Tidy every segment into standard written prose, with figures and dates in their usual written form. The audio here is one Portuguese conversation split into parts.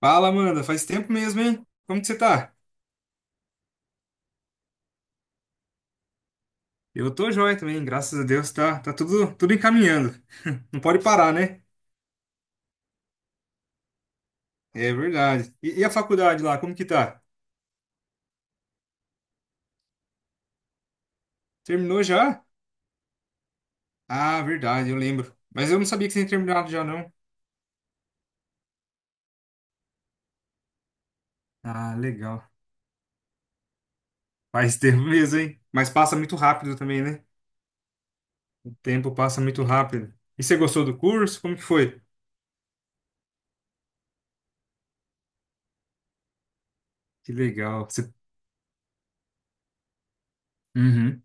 Fala, Amanda. Faz tempo mesmo, hein? Como que você tá? Eu tô joia também, graças a Deus. Tá, tudo encaminhando. Não pode parar, né? É verdade. E a faculdade lá, como que tá? Terminou já? Ah, verdade, eu lembro. Mas eu não sabia que você tinha terminado já, não. Ah, legal. Faz tempo mesmo, hein? Mas passa muito rápido também, né? O tempo passa muito rápido. E você gostou do curso? Como que foi? Que legal. Você. Uhum.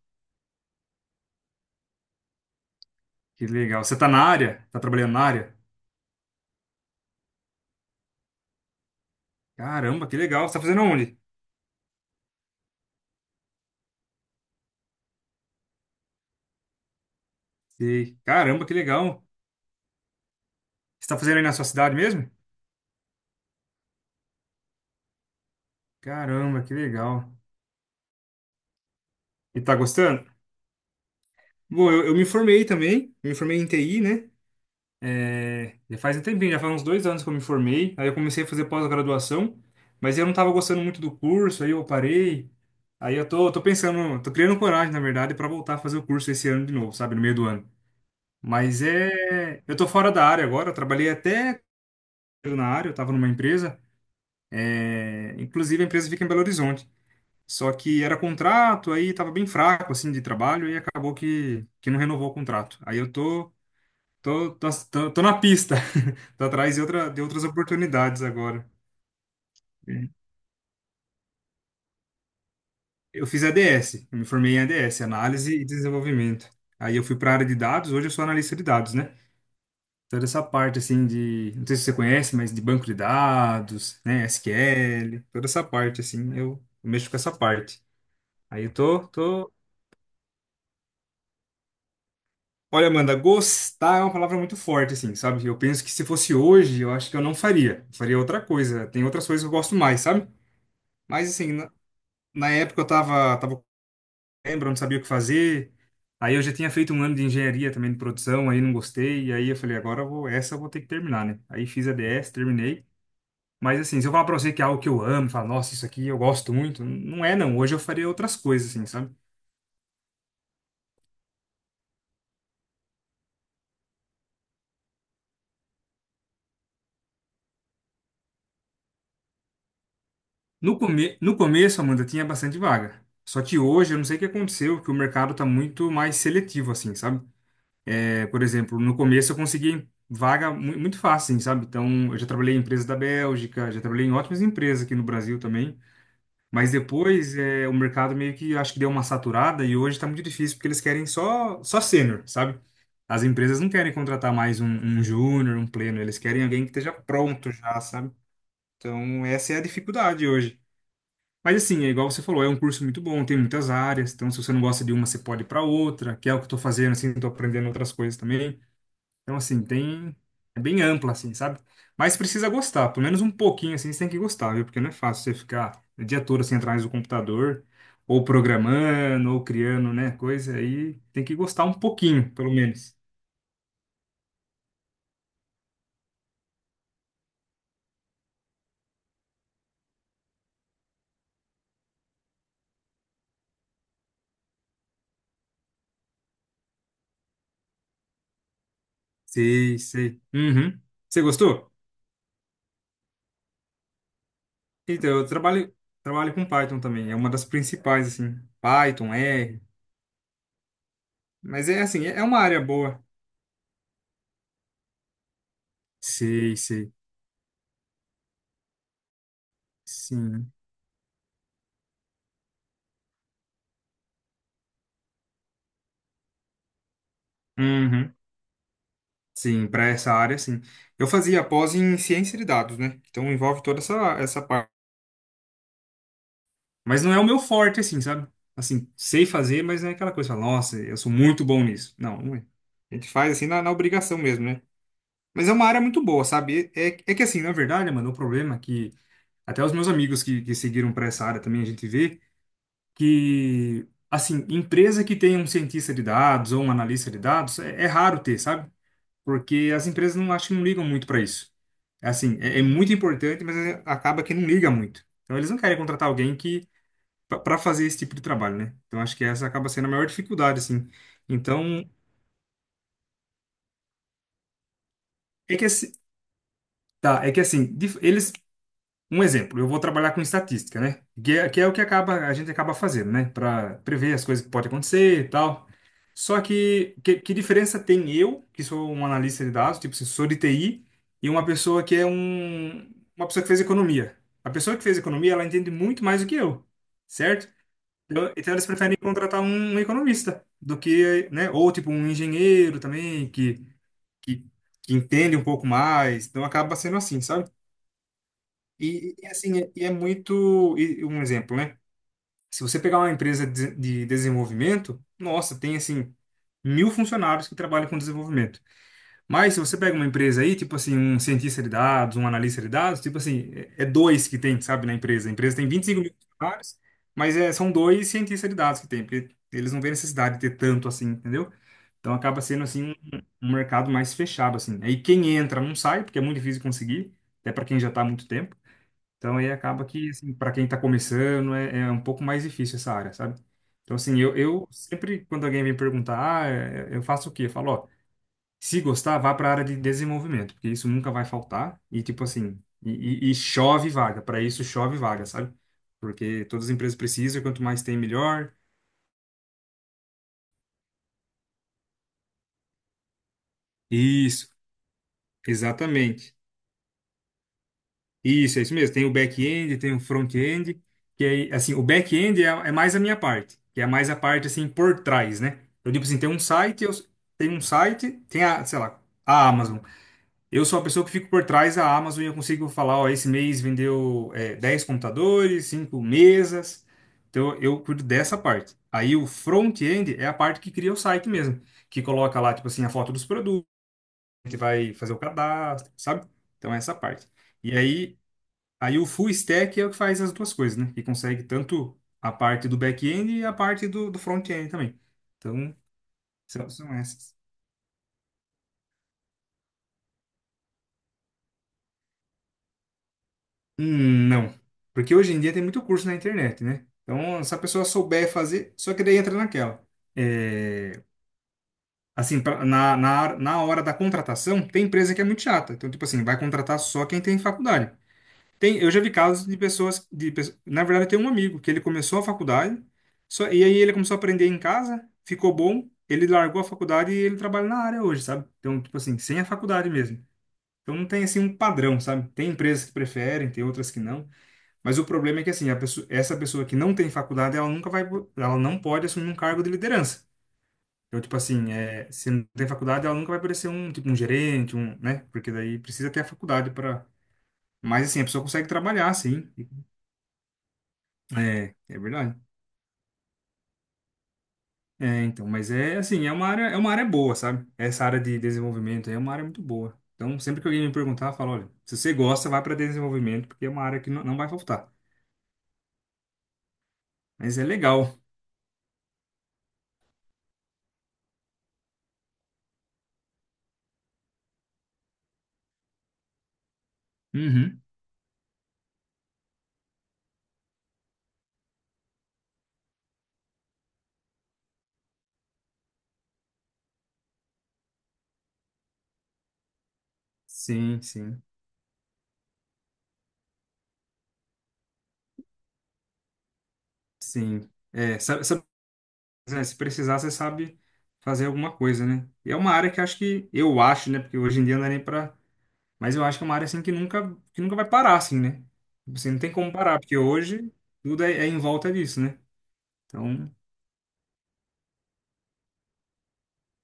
Que legal. Você tá na área? Tá trabalhando na área? Caramba, que legal. Você tá fazendo onde? Sei. Caramba, que legal. Você tá fazendo aí na sua cidade mesmo? Caramba, que legal. E tá gostando? Bom, eu me formei também. Eu me formei em TI, né? É, já faz um tempinho, já faz uns 2 anos que eu me formei. Aí eu comecei a fazer pós-graduação, mas eu não tava gostando muito do curso, aí eu parei. Aí eu tô pensando, tô criando coragem, na verdade, pra voltar a fazer o curso esse ano de novo, sabe? No meio do ano. Mas é. Eu tô fora da área agora, eu trabalhei até na área, eu tava numa empresa. É, inclusive a empresa fica em Belo Horizonte. Só que era contrato, aí tava bem fraco, assim, de trabalho, e acabou que, não renovou o contrato. Aí eu tô na pista, tô atrás de, outra, de outras oportunidades agora. É. Eu fiz ADS, eu me formei em ADS, Análise e Desenvolvimento. Aí eu fui para a área de dados, hoje eu sou analista de dados, né? Toda essa parte, assim, de, não sei se você conhece, mas de banco de dados, né, SQL, toda essa parte, assim, eu mexo com essa parte. Aí eu tô, tô Olha, Amanda, gostar é uma palavra muito forte, assim, sabe? Eu penso que se fosse hoje, eu acho que eu não faria. Eu faria outra coisa. Tem outras coisas que eu gosto mais, sabe? Mas, assim, na, época eu lembro, eu não sabia o que fazer. Aí eu já tinha feito um ano de engenharia também de produção, aí não gostei. E aí eu falei, agora eu vou, essa eu vou ter que terminar, né? Aí fiz a DS, terminei. Mas, assim, se eu falar pra você que é algo que eu amo, falar, nossa, isso aqui eu gosto muito, não é, não. Hoje eu faria outras coisas, assim, sabe? No começo, Amanda, tinha bastante vaga. Só que hoje, eu não sei o que aconteceu, que o mercado tá muito mais seletivo, assim, sabe? É, por exemplo, no começo eu consegui vaga muito fácil, assim, sabe? Então, eu já trabalhei em empresas da Bélgica, já trabalhei em ótimas empresas aqui no Brasil também. Mas depois, é, o mercado meio que, acho que deu uma saturada e hoje tá muito difícil, porque eles querem só sênior, sabe? As empresas não querem contratar mais um júnior, um pleno, eles querem alguém que esteja pronto já, sabe? Então, essa é a dificuldade hoje. Mas assim, é igual você falou, é um curso muito bom, tem muitas áreas, então se você não gosta de uma, você pode ir para outra, que é o que eu tô fazendo, assim, tô aprendendo outras coisas também. Então, assim, tem. É bem ampla, assim, sabe? Mas precisa gostar, pelo menos um pouquinho, assim, você tem que gostar, viu? Porque não é fácil você ficar o dia todo assim atrás do computador, ou programando, ou criando, né? Coisa aí, tem que gostar um pouquinho, pelo menos. Sei, sei. Uhum. Você gostou? Então, eu trabalho com Python também, é uma das principais, assim. Python, R. Mas é assim, é uma área boa. Sei, sei. Sim. Uhum. Sim, para essa área, sim. Eu fazia a pós em ciência de dados, né? Então envolve toda essa parte. Mas não é o meu forte, assim, sabe? Assim, sei fazer, mas não é aquela coisa, fala, nossa, eu sou muito bom nisso. Não, não é. A gente faz assim na obrigação mesmo, né? Mas é uma área muito boa, sabe? É que assim, na verdade, mano, o problema é que até os meus amigos que seguiram para essa área também a gente vê, que, assim, empresa que tem um cientista de dados ou um analista de dados, é raro ter, sabe? Porque as empresas não acho que não ligam muito para isso. É assim, é muito importante, mas acaba que não liga muito. Então eles não querem contratar alguém que para fazer esse tipo de trabalho, né? Então acho que essa acaba sendo a maior dificuldade, assim. Então, é que assim, tá, é que assim, dif- eles um exemplo, eu vou trabalhar com estatística, né? Que é o que acaba, a gente acaba fazendo, né? Para prever as coisas que podem acontecer e tal. Só que diferença tem eu, que sou um analista de dados, tipo, assim, sou de TI, e uma pessoa que é uma pessoa que fez economia? A pessoa que fez economia, ela entende muito mais do que eu, certo? Então, eles preferem contratar um economista do que, né? Ou tipo um engenheiro também que, que entende um pouco mais. Então acaba sendo assim, sabe? E, assim, e é muito. E um exemplo, né? Se você pegar uma empresa de desenvolvimento, nossa, tem assim, mil funcionários que trabalham com desenvolvimento. Mas se você pega uma empresa aí, tipo assim, um cientista de dados, um analista de dados, tipo assim, é dois que tem, sabe, na empresa. A empresa tem 25 mil funcionários, mas é, são dois cientistas de dados que tem, porque eles não veem necessidade de ter tanto assim, entendeu? Então acaba sendo assim um, um mercado mais fechado, assim. Aí quem entra não sai, porque é muito difícil conseguir, até para quem já está há muito tempo. Então, aí acaba que, assim, para quem está começando, é, é um pouco mais difícil essa área, sabe? Então, assim, eu sempre, quando alguém vem perguntar, ah, é- é, eu faço o quê? Eu falo, ó, se gostar, vá para a área de desenvolvimento, porque isso nunca vai faltar. E, tipo assim, e chove vaga, para isso chove vaga, sabe? Porque todas as empresas precisam, e quanto mais tem, melhor. Isso, exatamente. Isso, é isso mesmo. Tem o back-end, tem o front-end, que é assim, o back-end é, é mais a minha parte, que é mais a parte assim por trás, né? Eu tipo assim, tem um site, eu tem um site, tem a, sei lá, a Amazon. Eu sou a pessoa que fico por trás da Amazon e eu consigo falar, ó, esse mês vendeu é, 10 computadores, 5 mesas. Então eu cuido dessa parte. Aí o front-end é a parte que cria o site mesmo, que coloca lá tipo assim a foto dos produtos, que vai fazer o cadastro, sabe? Então é essa parte. E aí Aí o full stack é o que faz as duas coisas, né? Que consegue tanto a parte do back-end e a parte do, do front-end também. Então, são, são essas. Não. Porque hoje em dia tem muito curso na internet, né? Então, se a pessoa souber fazer, só que daí entra naquela. É, assim, pra- na, na, na hora da contratação, tem empresa que é muito chata. Então, tipo assim, vai contratar só quem tem faculdade. Tem, eu já vi casos de pessoas, de, pe- na verdade, tem um amigo que ele começou a faculdade, só, e aí ele começou a aprender em casa, ficou bom, ele largou a faculdade e ele trabalha na área hoje, sabe? Então, tipo assim, sem a faculdade mesmo. Então não tem assim um padrão, sabe? Tem empresas que preferem, tem outras que não, mas o problema é que assim, a pessoa, essa pessoa que não tem faculdade, ela nunca vai, po- ela não pode assumir um cargo de liderança. Então, tipo assim, é, se não tem faculdade, ela nunca vai parecer um, tipo, um gerente, um, né? Porque daí precisa ter a faculdade para mas assim, a pessoa consegue trabalhar, sim. É, é verdade. É, então, mas é assim, é uma área boa, sabe? Essa área de desenvolvimento aí é uma área muito boa. Então, sempre que alguém me perguntar, eu falo, olha, se você gosta, vai para desenvolvimento, porque é uma área que não, não vai faltar. Mas é legal. Uhum. Sim, sim, sim. É, sabe, sabe, né, se precisar, você sabe fazer alguma coisa, né? E é uma área que acho que, eu acho, né? Porque hoje em dia não é nem pra. Mas eu acho que é uma área assim que nunca vai parar, assim, né? Você não tem como parar, porque hoje tudo é, é em volta disso, né? Então.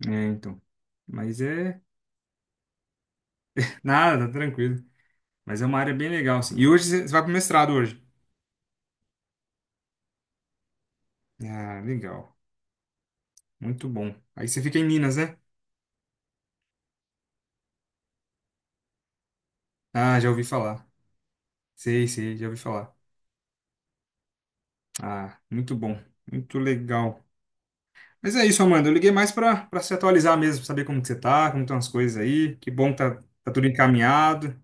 É, então. Mas é. Nada, tá tranquilo. Mas é uma área bem legal, assim. E hoje você você vai pro mestrado hoje. Ah, legal. Muito bom. Aí você fica em Minas, né? Ah, já ouvi falar. Sei, sei, já ouvi falar. Ah, muito bom. Muito legal. Mas é isso, Amanda. Eu liguei mais pra, pra se atualizar mesmo, pra saber como que você tá, como estão as coisas aí. Que bom que tá, tá tudo encaminhado.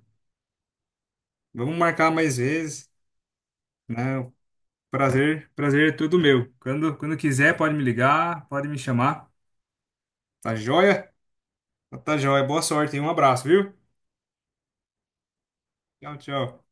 Vamos marcar mais vezes, né? O Prazer, prazer é todo meu. Quando, quando quiser, pode me ligar, pode me chamar. Tá joia? Tá, joia. Boa sorte e um abraço, viu? Tchau, tchau.